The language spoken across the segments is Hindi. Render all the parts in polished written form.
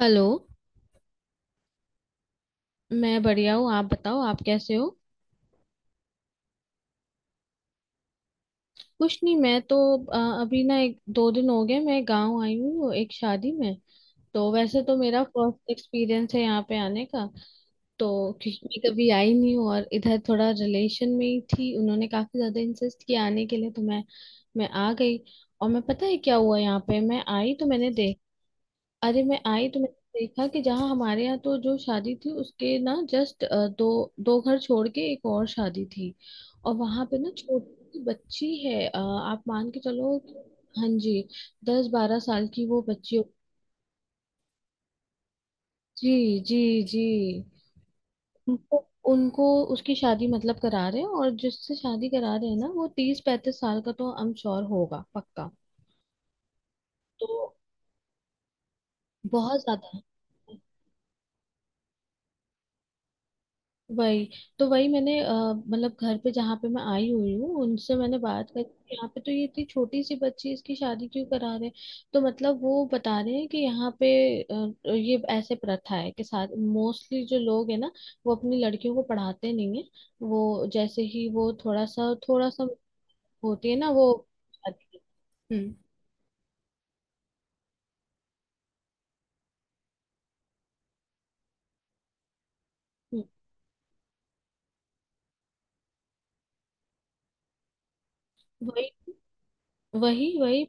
हेलो। मैं बढ़िया हूँ, आप बताओ, आप कैसे हो? कुछ नहीं, अभी ना एक दो दिन हो गए, मैं गांव आई हूँ एक शादी में। तो वैसे तो मेरा फर्स्ट एक्सपीरियंस है यहाँ पे आने का। तो क्योंकि मैं कभी आई नहीं हूँ, और इधर थोड़ा रिलेशन में ही थी, उन्होंने काफी ज्यादा इंसिस्ट किया आने के लिए, तो मैं आ गई। और मैं, पता है क्या हुआ? यहाँ पे मैं आई तो मैंने देखा, अरे मैं आई तो मैंने देखा कि जहाँ हमारे यहाँ तो जो शादी थी उसके ना जस्ट दो दो घर छोड़ के एक और शादी थी। और वहां पे ना छोटी सी बच्ची है, आप मान के चलो हाँ जी, 10-12 साल की वो जी जी जी। तो उनको उसकी शादी मतलब करा रहे हैं, और जिससे शादी करा रहे हैं ना वो 30-35 साल का, तो आई एम श्योर होगा पक्का। तो बहुत ज्यादा है। वही। तो वही, मैंने मतलब घर पे जहाँ पे मैं आई हुई हूँ उनसे मैंने बात करी कि यहाँ पे तो ये इतनी छोटी सी बच्ची इसकी शादी क्यों करा रहे हैं? तो मतलब वो बता रहे हैं कि यहाँ पे ये ऐसे प्रथा है कि साथ मोस्टली जो लोग है ना वो अपनी लड़कियों को पढ़ाते नहीं है। वो जैसे ही वो थोड़ा सा होती है ना वो। हम्म। वही वही वही।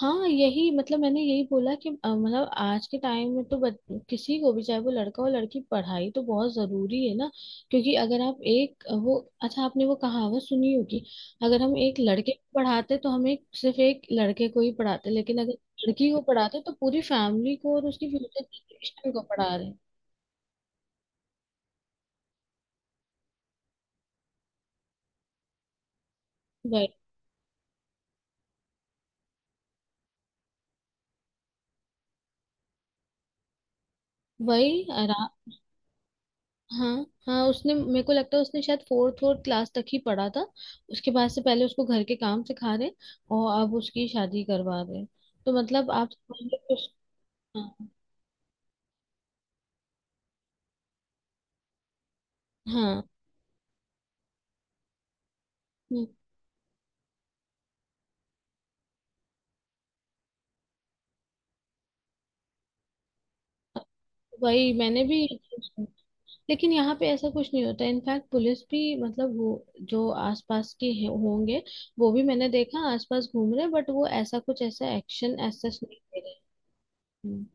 हाँ यही, मतलब मैंने यही बोला कि मतलब आज के टाइम में किसी को भी, चाहे वो लड़का हो लड़की, पढ़ाई तो बहुत जरूरी है ना। क्योंकि अगर आप एक वो, अच्छा आपने वो कहावत सुनी होगी, अगर हम एक लड़के को पढ़ाते तो हम एक सिर्फ एक लड़के को ही पढ़ाते, लेकिन अगर लड़की को पढ़ाते तो पूरी फैमिली को और उसकी फ्यूचर जनरेशन को पढ़ा रहे हैं। वही वही। हाँ हाँ। उसने, मेरे को लगता है उसने शायद फोर्थ फोर्थ क्लास तक ही पढ़ा था। उसके बाद से पहले उसको घर के काम सिखा रहे, और अब उसकी शादी करवा रहे। तो मतलब आप समझ लो कि हाँ हाँ। हम्म। वही, मैंने भी ये चीज़ सुनी। लेकिन यहाँ पे ऐसा कुछ नहीं होता, इनफैक्ट पुलिस भी मतलब वो जो आसपास के होंगे, वो भी मैंने देखा आसपास घूम रहे, बट वो ऐसा कुछ ऐसा एक्शन ऐसा नहीं ले रहे। हम्म।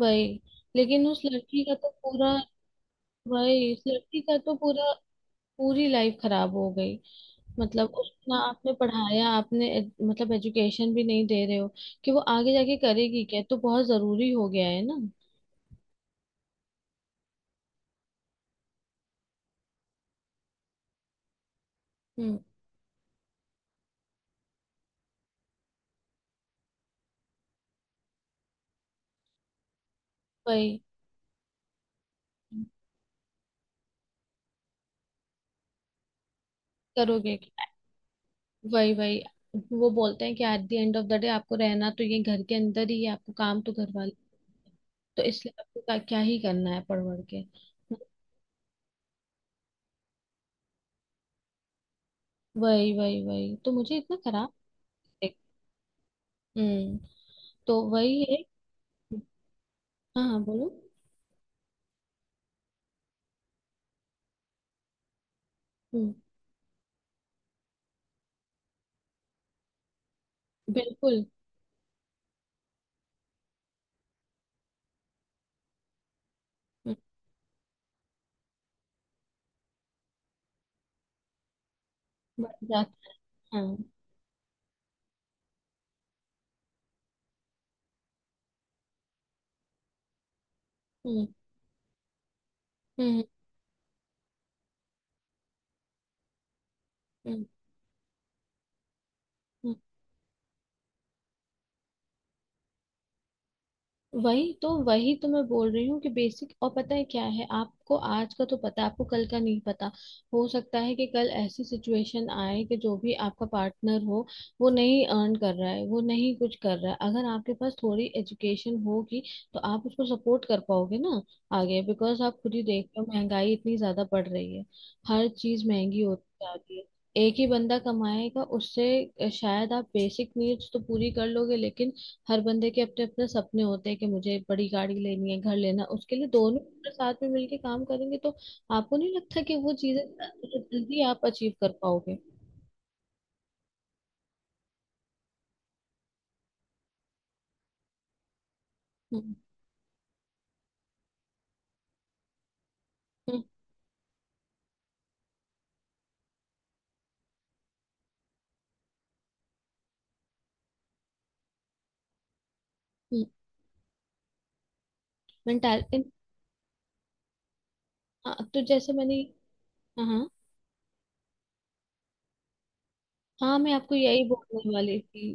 वही, लेकिन उस लड़की का तो पूरा, वही, इस लड़की का तो पूरा, पूरी लाइफ खराब हो गई। मतलब उतना आपने पढ़ाया, आपने मतलब एजुकेशन भी नहीं दे रहे हो कि वो आगे जाके करेगी क्या? तो बहुत जरूरी हो गया है ना। हम्म। वही। करोगे क्या? वही वही। वो बोलते हैं कि at the end of the day आपको रहना तो ये घर के अंदर ही है, आपको काम तो घर वाले, तो इसलिए आपको क्या क्या ही करना है पढ़ वढ़ के। वही वही वही। तो मुझे इतना खराब लगे। हम्म। तो वही है। हाँ हाँ बोलो। हम्म। बिल्कुल। हम्म। 嗯嗯嗯嗯嗯। वही। तो वही तो मैं बोल रही हूँ कि बेसिक, और पता है क्या है, आपको आज का तो पता है, आपको कल का नहीं पता। हो सकता है कि कल ऐसी सिचुएशन आए कि जो भी आपका पार्टनर हो, वो नहीं अर्न कर रहा है, वो नहीं कुछ कर रहा है। अगर आपके पास थोड़ी एजुकेशन होगी तो आप उसको सपोर्ट कर पाओगे ना आगे। बिकॉज आप खुद ही देख रहे हो महंगाई इतनी ज्यादा बढ़ रही है, हर चीज महंगी होती जा रही है। एक ही बंदा कमाएगा, उससे शायद आप बेसिक नीड्स तो पूरी कर लोगे, लेकिन हर बंदे के अपने अपने सपने होते हैं कि मुझे बड़ी गाड़ी लेनी है, घर लेना है। उसके लिए दोनों अपने साथ में मिलके काम करेंगे, तो आपको नहीं लगता कि वो चीजें जल्दी आप अचीव कर पाओगे? हम्म हम्म हम्म। मेंटाल। हाँ तो जैसे मैंने, हाँ हाँ। हाँ, मैं आपको यही बोलने वाली थी।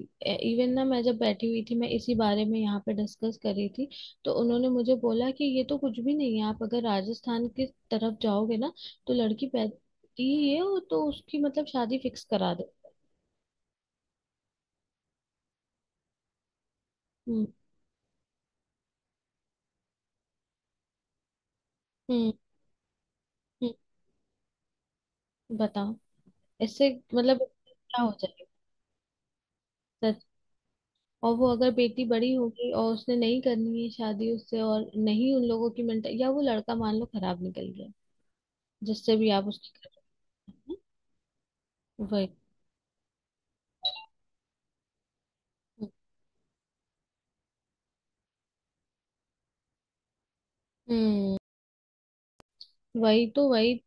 इवन ना, मैं जब बैठी हुई थी मैं इसी बारे में यहाँ पे डिस्कस कर रही थी, तो उन्होंने मुझे बोला कि ये तो कुछ भी नहीं है, आप अगर राजस्थान की तरफ जाओगे ना तो लड़की पैदा होती ही है, और तो उसकी मतलब शादी फिक्स करा दे। हम्म। हम्म, बताओ। इससे मतलब क्या हो जाएगा? सच। और वो अगर बेटी बड़ी होगी और उसने नहीं करनी है शादी उससे, और नहीं उन लोगों की मेंटल, या वो लड़का मान लो खराब निकल गया जिससे भी आप उसकी कर रहे हैं, वही। हम्म। वही तो वही।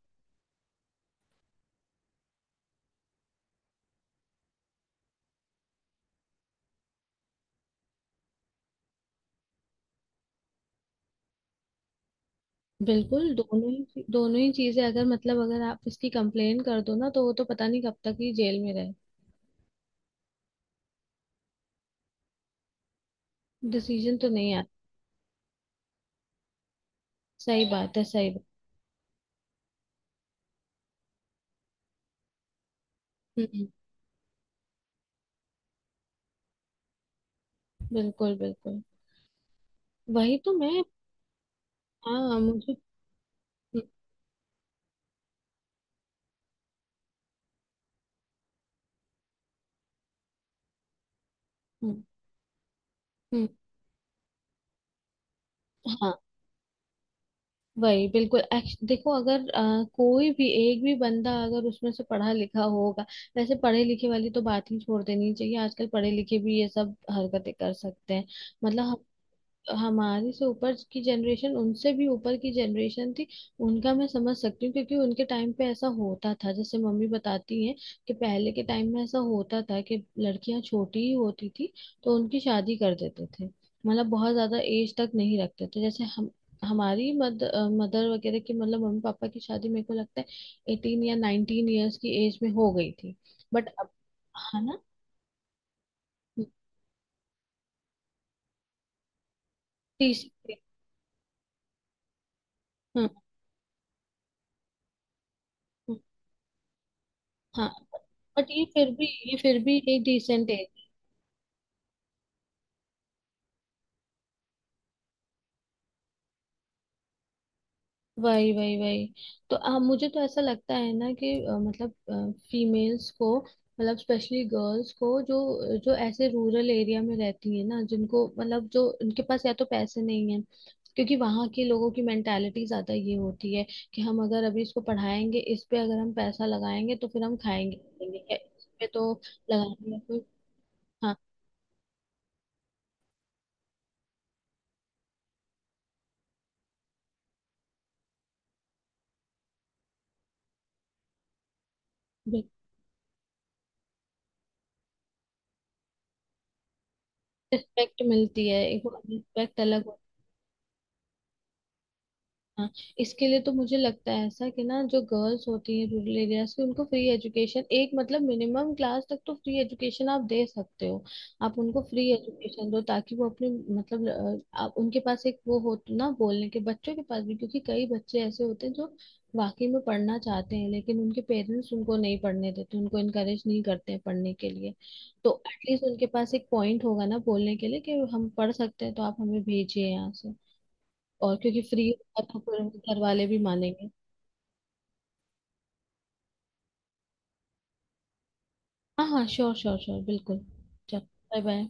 बिल्कुल, दोनों ही चीजें अगर मतलब अगर आप इसकी कंप्लेन कर दो ना तो वो तो पता नहीं कब तक ही जेल में रहे। डिसीजन तो नहीं आता। सही बात है, सही बात। हम्म। बिल्कुल बिल्कुल। वही तो मैं, हाँ मुझे, हम्म, हम्म, हम्म। हाँ। वही बिल्कुल। देखो, अगर कोई भी एक भी बंदा अगर उसमें से पढ़ा लिखा होगा, वैसे पढ़े लिखे वाली तो बात ही छोड़ देनी चाहिए, आजकल पढ़े लिखे भी ये सब हरकतें कर सकते हैं। मतलब हमारे से ऊपर की जनरेशन, उनसे भी ऊपर की जनरेशन थी, उनका मैं समझ सकती हूँ क्योंकि उनके टाइम पे ऐसा होता था। जैसे मम्मी बताती हैं कि पहले के टाइम में ऐसा होता था कि लड़कियां छोटी ही होती थी तो उनकी शादी कर देते थे। मतलब बहुत ज्यादा एज तक नहीं रखते थे। जैसे हम, हमारी मद, मदर वगैरह की मतलब मम्मी पापा की शादी मेरे को लगता है 18 या 19 ईयर्स की एज में हो गई थी। बट अब, है ना? तीस। हाँ हाँ। बट ये फिर भी, ये फिर भी एक डिसेंट है। वही वही वही। तो मुझे तो ऐसा लगता है ना कि मतलब फीमेल्स को, मतलब स्पेशली गर्ल्स को, जो जो ऐसे रूरल एरिया में रहती है ना, जिनको मतलब जो उनके पास या तो पैसे नहीं है, क्योंकि वहाँ के लोगों की मेंटालिटी ज्यादा ये होती है कि हम अगर अभी इसको पढ़ाएंगे, इस पे अगर हम पैसा लगाएंगे तो फिर हम खाएंगे पीएंगे, या इस पे तो लगाने में कोई। हाँ। रिस्पेक्ट मिलती है एक, रिस्पेक्ट अलग। हाँ, इसके लिए तो मुझे लगता है ऐसा कि ना जो गर्ल्स होती हैं रूरल एरियाज की, उनको फ्री एजुकेशन, एक मतलब मिनिमम क्लास तक तो फ्री एजुकेशन आप दे सकते हो। आप उनको फ्री एजुकेशन दो ताकि वो अपने मतलब, आप उनके पास एक वो हो तो ना बोलने के, बच्चों के पास भी। क्योंकि कई बच्चे ऐसे होते हैं जो वाकई में पढ़ना चाहते हैं, लेकिन उनके पेरेंट्स उनको नहीं पढ़ने देते, उनको इनकरेज नहीं करते हैं पढ़ने के लिए। तो एटलीस्ट उनके पास एक पॉइंट होगा ना बोलने के लिए कि हम पढ़ सकते हैं तो आप हमें भेजिए यहाँ से। और क्योंकि फ्री होगा तो फिर घर वाले भी मानेंगे। हाँ हाँ, श्योर श्योर श्योर, बिल्कुल। चलो। Bye bye.